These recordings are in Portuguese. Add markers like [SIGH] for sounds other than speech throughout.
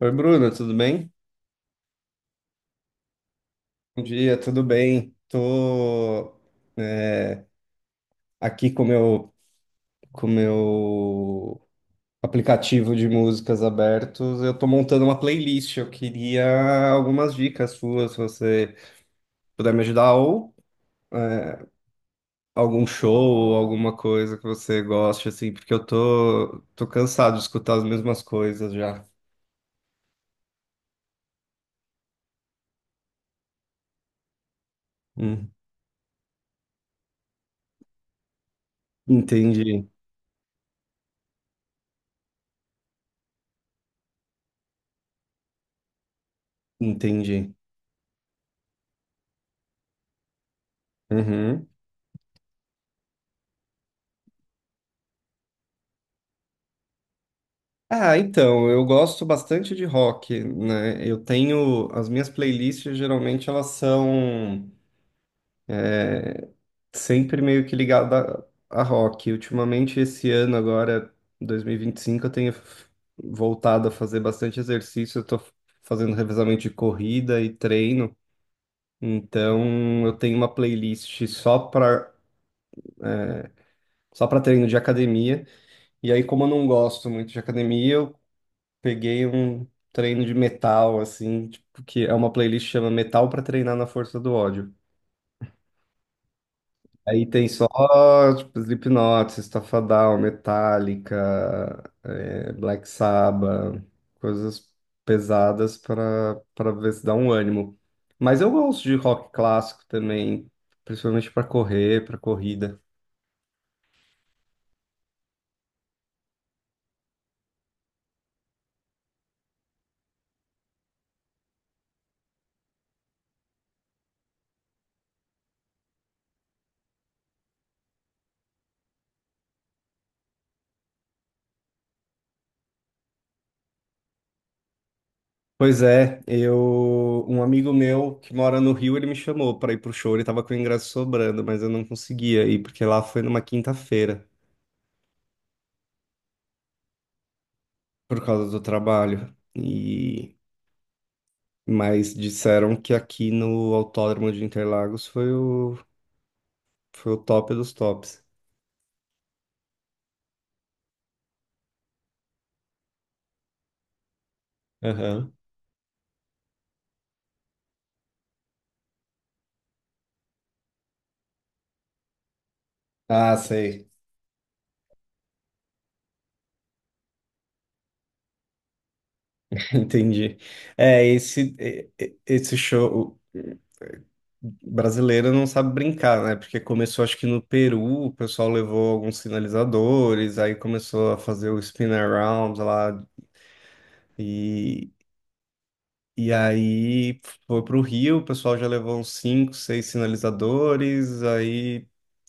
Oi, Bruno, tudo bem? Bom dia, tudo bem? Tô é, aqui com meu aplicativo de músicas abertos. Eu tô montando uma playlist. Eu queria algumas dicas suas, se você puder me ajudar, ou é, algum show, ou alguma coisa que você goste, assim, porque eu tô cansado de escutar as mesmas coisas já. Hum, entendi, entendi. Uhum. Ah, então, eu gosto bastante de rock, né? As minhas playlists geralmente elas são é, sempre meio que ligadas a rock. Ultimamente, esse ano agora, dois mil e vinte e cinco, eu tenho voltado a fazer bastante exercício, eu tô fazendo revezamento de corrida e treino, então eu tenho uma playlist só para treino de academia, e aí como eu não gosto muito de academia, eu peguei um treino de metal, assim, tipo, que é uma playlist que chama Metal pra Treinar na Força do Ódio. Aí tem só, tipo, Slipknot, System of a Down, Metallica, Black Sabbath, coisas pesadas para ver se dá um ânimo. Mas eu gosto de rock clássico também, principalmente para correr, para corrida. Pois é, eu um amigo meu que mora no Rio, ele me chamou para ir pro show, ele tava com o ingresso sobrando, mas eu não conseguia ir porque lá foi numa quinta-feira por causa do trabalho. Mas disseram que aqui no Autódromo de Interlagos foi o top dos tops. Aham. Ah, sei. [LAUGHS] Entendi. É, esse show. Brasileiro não sabe brincar, né? Porque começou, acho que no Peru, o pessoal levou alguns sinalizadores, aí começou a fazer o spin around lá, e, e aí foi pro Rio, o pessoal já levou uns cinco, seis sinalizadores, aí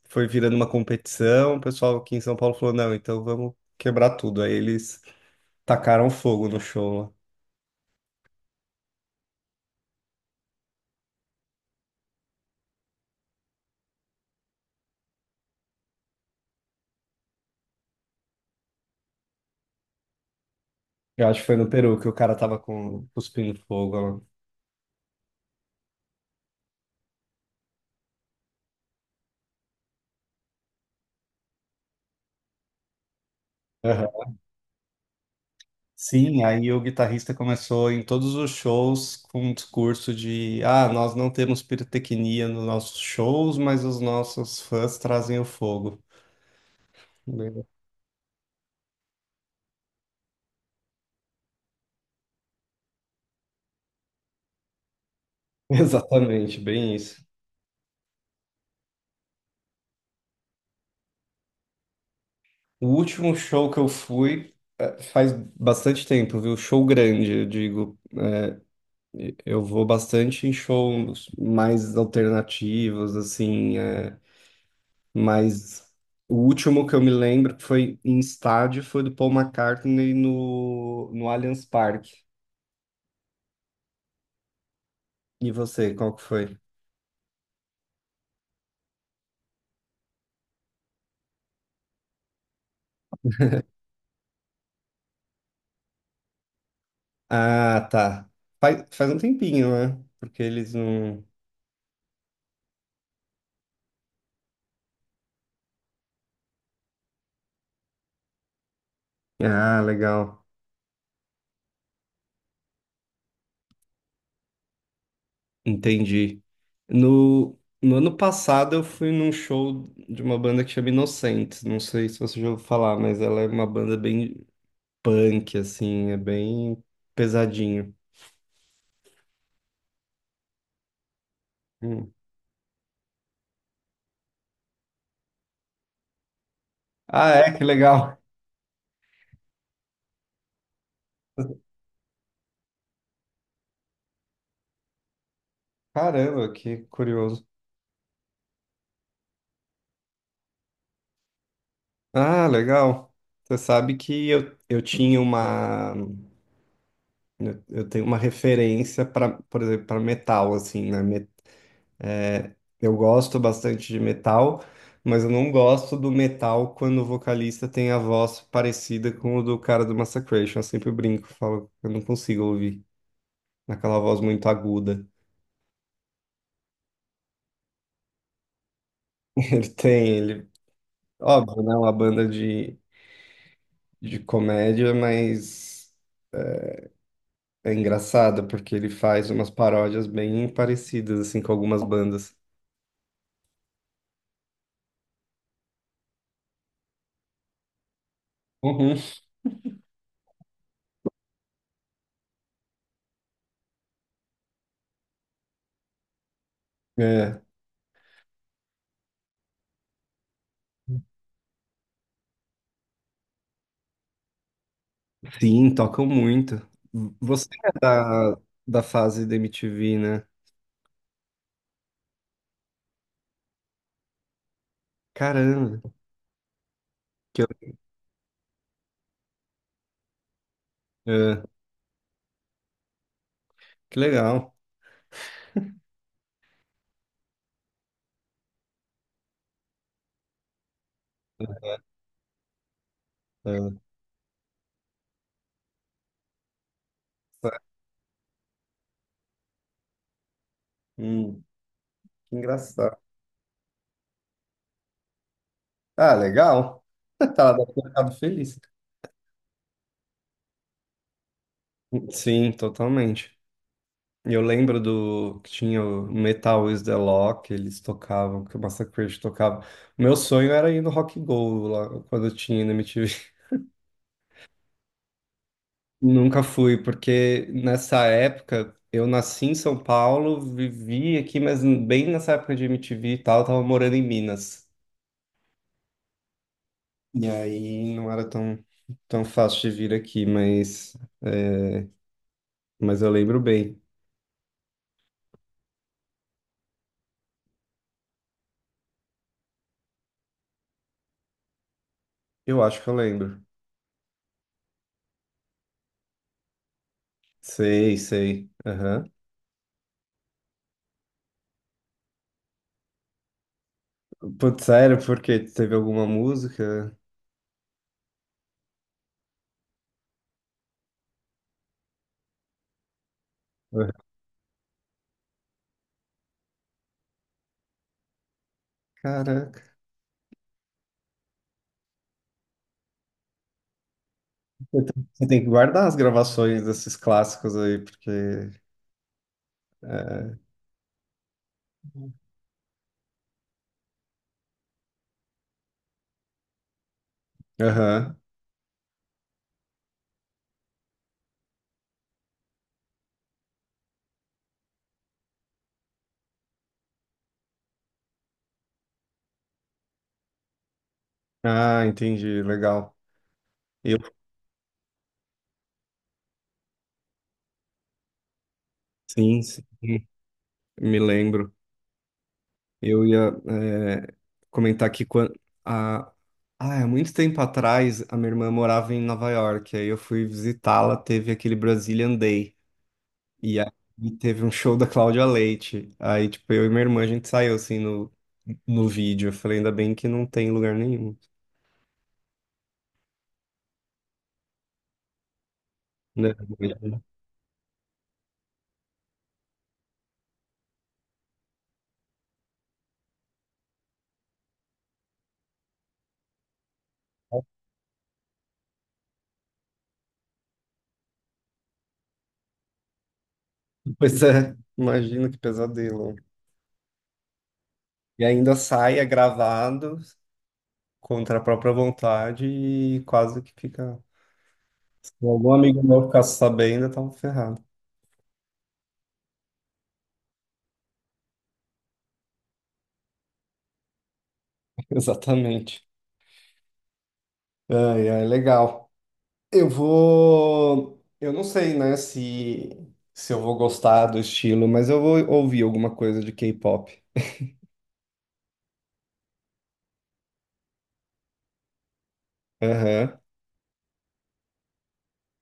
foi virando uma competição, o pessoal aqui em São Paulo falou, não, então vamos quebrar tudo. Aí eles tacaram fogo no show lá. Eu acho que foi no Peru que o cara tava com cuspindo fogo lá. Sim, aí o guitarrista começou em todos os shows com um discurso de: ah, nós não temos pirotecnia nos nossos shows, mas os nossos fãs trazem o fogo. Bem- [LAUGHS] Exatamente, bem isso. O último show que eu fui faz bastante tempo, viu? Show grande, eu digo. Eu vou bastante em shows mais alternativos, assim. Mas o último que eu me lembro que foi em estádio foi do Paul McCartney no Allianz Parque. E você, qual que foi? Ah, tá. Faz um tempinho, né? Porque eles não. Ah, legal. Entendi. No ano passado eu fui num show de uma banda que chama Inocentes. Não sei se você já ouviu falar, mas ela é uma banda bem punk, assim, é bem pesadinho. Hum. Ah, é? Que legal. Caramba, que curioso. Ah, legal. Você sabe que eu tenho uma referência para, por exemplo, para metal assim, né? Eu gosto bastante de metal, mas eu não gosto do metal quando o vocalista tem a voz parecida com o do cara do Massacration. Eu sempre brinco, falo, que eu não consigo ouvir naquela voz muito aguda. [LAUGHS] Ele tem, ele, óbvio, né? Uma banda de, comédia, mas é engraçado porque ele faz umas paródias bem parecidas assim com algumas bandas. Uhum. É, sim, tocam muito. Você é da fase da MTV, né? Caramba, que, é, que legal. É, é, hum, que engraçado. Ah, legal. [LAUGHS] Tá, deve ter ficado feliz. Sim, totalmente. Eu lembro do que tinha o Metal is the Law, que eles tocavam, que o Massacre tocava. Meu sonho era ir no Rock Go lá, quando eu tinha na MTV. Nunca fui, porque nessa época eu nasci em São Paulo, vivi aqui, mas bem nessa época de MTV e tal, eu tava morando em Minas. E aí não era tão, tão fácil de vir aqui, mas eu lembro bem. Eu acho que eu lembro. Sei, sei. Aham. Putz, sério, porque teve alguma música? Aham. Caraca. Você tem que guardar as gravações desses clássicos aí, porque. é, Aham. Ah, entendi. Legal. Eu Sim, sim. Me lembro. Eu ia comentar que há, há muito tempo atrás, a minha irmã morava em Nova York. Aí eu fui visitá-la, teve aquele Brazilian Day. E aí teve um show da Cláudia Leite. Aí, tipo, eu e minha irmã, a gente saiu, assim, no vídeo. Eu falei, ainda bem que não tem em lugar nenhum, né? [LAUGHS] Pois é, imagina que pesadelo. E ainda sai, é gravado, contra a própria vontade e quase que fica. Se algum amigo meu ficasse sabendo, eu tava ferrado. [LAUGHS] Exatamente. Ai, ai, legal. Eu vou. Eu não sei, né, se eu vou gostar do estilo, mas eu vou ouvir alguma coisa de K-pop. Aham.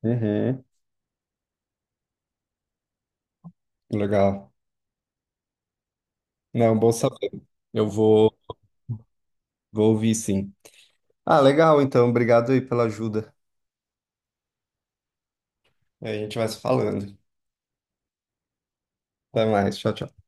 Uhum. Legal. Não, bom saber. Eu vou ouvir sim. Ah, legal, então. Obrigado aí pela ajuda. A gente vai se falando. Até mais. Tchau, tchau.